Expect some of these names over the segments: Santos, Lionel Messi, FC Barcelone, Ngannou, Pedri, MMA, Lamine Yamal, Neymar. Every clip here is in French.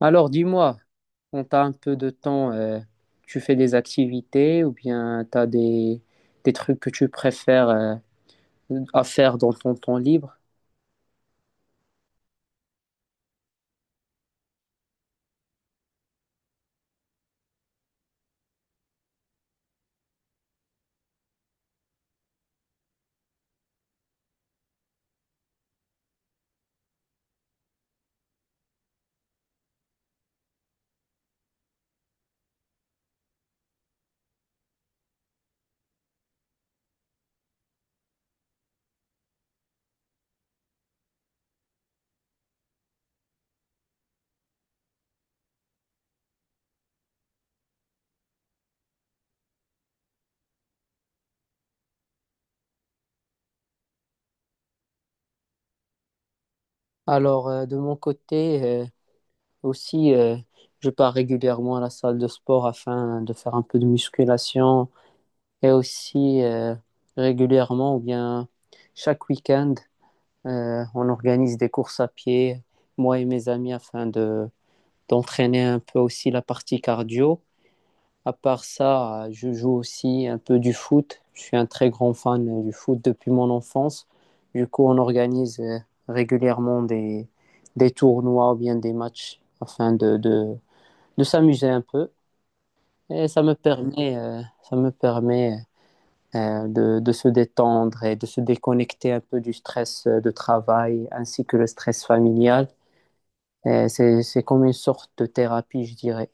Alors, dis-moi, quand t'as un peu de temps, tu fais des activités ou bien t'as des trucs que tu préfères, à faire dans ton temps libre? Alors, de mon côté, aussi, je pars régulièrement à la salle de sport afin de faire un peu de musculation et aussi régulièrement ou bien chaque week-end, on organise des courses à pied, moi et mes amis, afin d'entraîner un peu aussi la partie cardio. À part ça, je joue aussi un peu du foot. Je suis un très grand fan du foot depuis mon enfance. Du coup, on organise régulièrement des tournois ou bien des matchs afin de s'amuser un peu. Et ça me permet de se détendre et de se déconnecter un peu du stress de travail ainsi que le stress familial. Et c'est comme une sorte de thérapie, je dirais.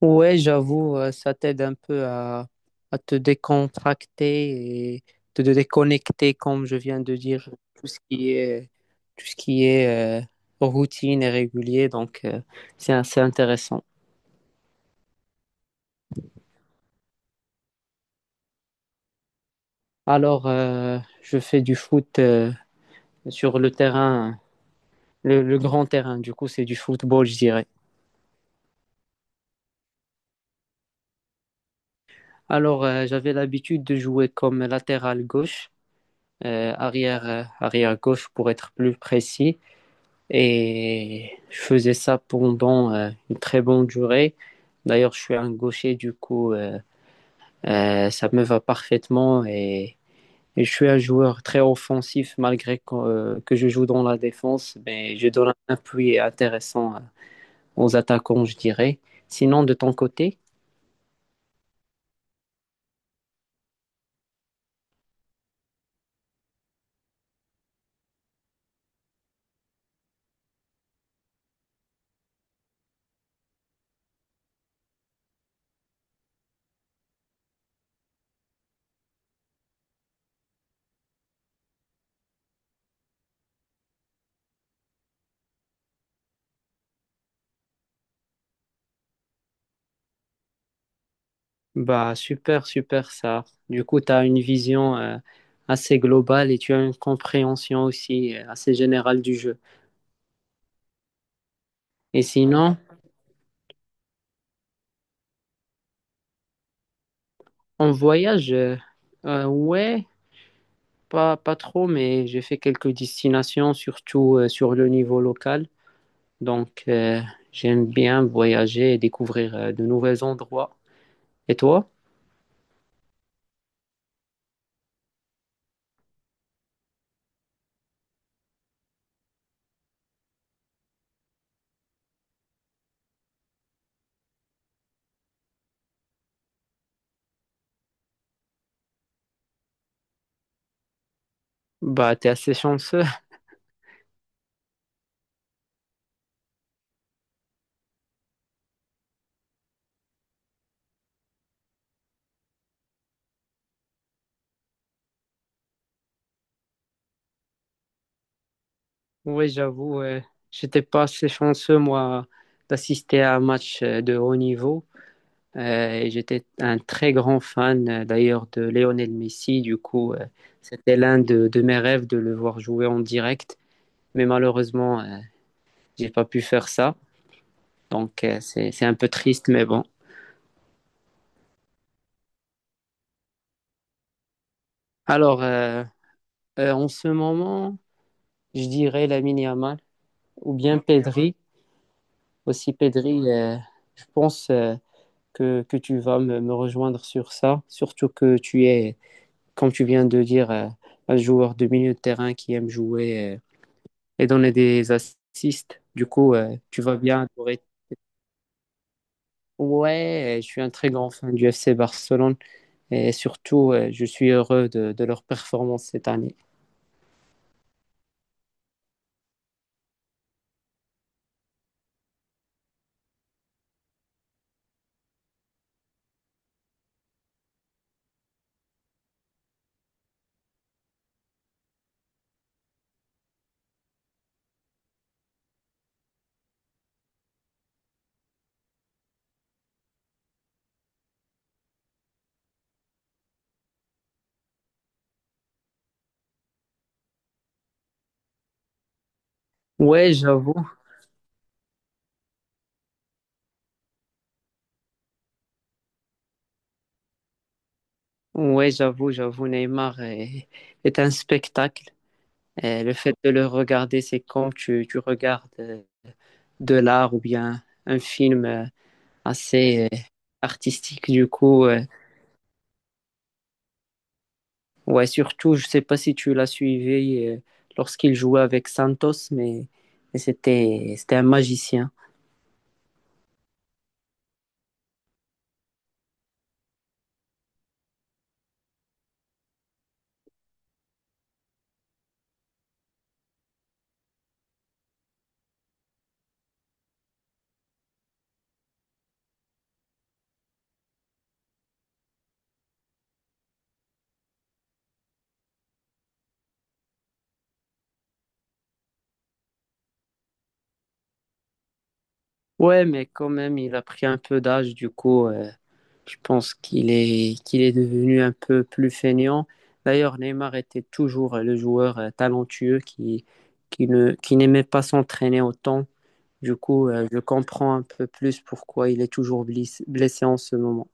Ouais, j'avoue, ça t'aide un peu à te décontracter et te déconnecter, comme je viens de dire, tout ce qui est, tout ce qui est routine et régulier. Donc, c'est assez intéressant. Alors, je fais du foot sur le terrain, le grand terrain. Du coup, c'est du football, je dirais. Alors, j'avais l'habitude de jouer comme latéral gauche, arrière, arrière gauche pour être plus précis. Et je faisais ça pendant une très bonne durée. D'ailleurs, je suis un gaucher, du coup, ça me va parfaitement. Et je suis un joueur très offensif, malgré que je joue dans la défense. Mais je donne un appui intéressant aux attaquants, je dirais. Sinon, de ton côté, bah, super, super ça. Du coup, tu as une vision assez globale et tu as une compréhension aussi assez générale du jeu. Et sinon, en voyage, ouais, pas, pas trop, mais j'ai fait quelques destinations, surtout sur le niveau local. Donc, j'aime bien voyager et découvrir de nouveaux endroits. Et toi? Bah, t'es assez chanceux. Oui, j'avoue, j'étais pas assez chanceux, moi, d'assister à un match de haut niveau. Et j'étais un très grand fan d'ailleurs de Lionel Messi. Du coup, c'était l'un de mes rêves de le voir jouer en direct. Mais malheureusement, j'ai pas pu faire ça. Donc, c'est un peu triste, mais bon. Alors, en ce moment, je dirais Lamine Yamal ou bien Pedri. Aussi, Pedri, je pense que tu vas me rejoindre sur ça. Surtout que tu es, comme tu viens de dire, un joueur de milieu de terrain qui aime jouer, et donner des assists. Du coup, tu vas bien au rythme. Ouais, je suis un très grand fan du FC Barcelone et surtout, je suis heureux de leur performance cette année. Ouais, j'avoue. Ouais, j'avoue, j'avoue, Neymar est, est un spectacle. Et le fait de le regarder, c'est comme tu regardes de l'art ou bien un film assez artistique. Ouais, surtout, je sais pas si tu l'as suivi lorsqu'il jouait avec Santos, mais c'était, c'était un magicien. Ouais, mais quand même, il a pris un peu d'âge, du coup, je pense qu'il est devenu un peu plus feignant. D'ailleurs, Neymar était toujours le joueur talentueux qui ne, qui n'aimait pas s'entraîner autant. Du coup, je comprends un peu plus pourquoi il est toujours blessé en ce moment.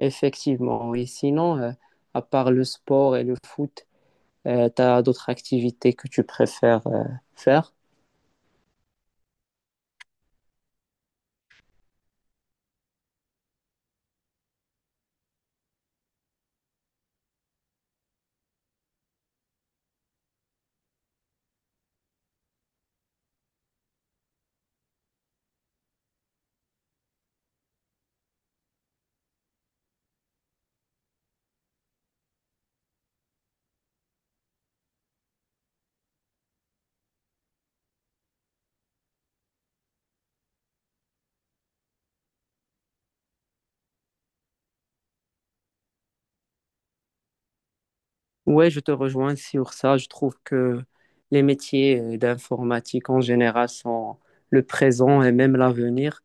Effectivement, oui. Sinon, à part le sport et le foot, tu as d'autres activités que tu préfères faire? Ouais, je te rejoins sur ça. Je trouve que les métiers d'informatique en général sont le présent et même l'avenir.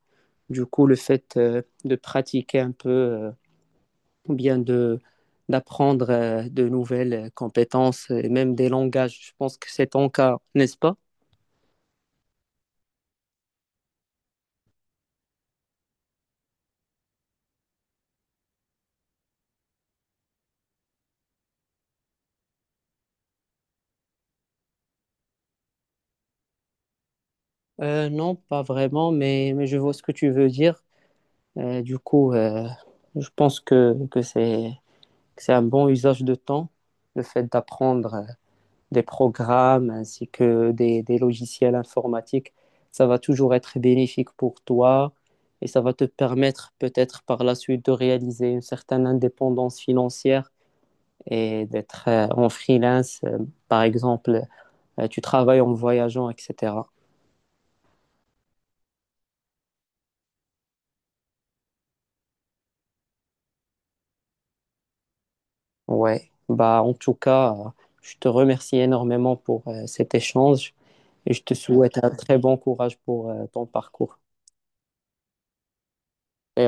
Du coup, le fait de pratiquer un peu, ou bien de d'apprendre de nouvelles compétences et même des langages, je pense que c'est ton cas, n'est-ce pas? Non, pas vraiment, mais je vois ce que tu veux dire. Du coup, je pense que c'est un bon usage de temps, le fait d'apprendre des programmes ainsi que des logiciels informatiques. Ça va toujours être bénéfique pour toi et ça va te permettre peut-être par la suite de réaliser une certaine indépendance financière et d'être en freelance, par exemple, tu travailles en voyageant, etc. Ouais, bah en tout cas, je te remercie énormément pour cet échange et je te souhaite un très bon courage pour ton parcours. Et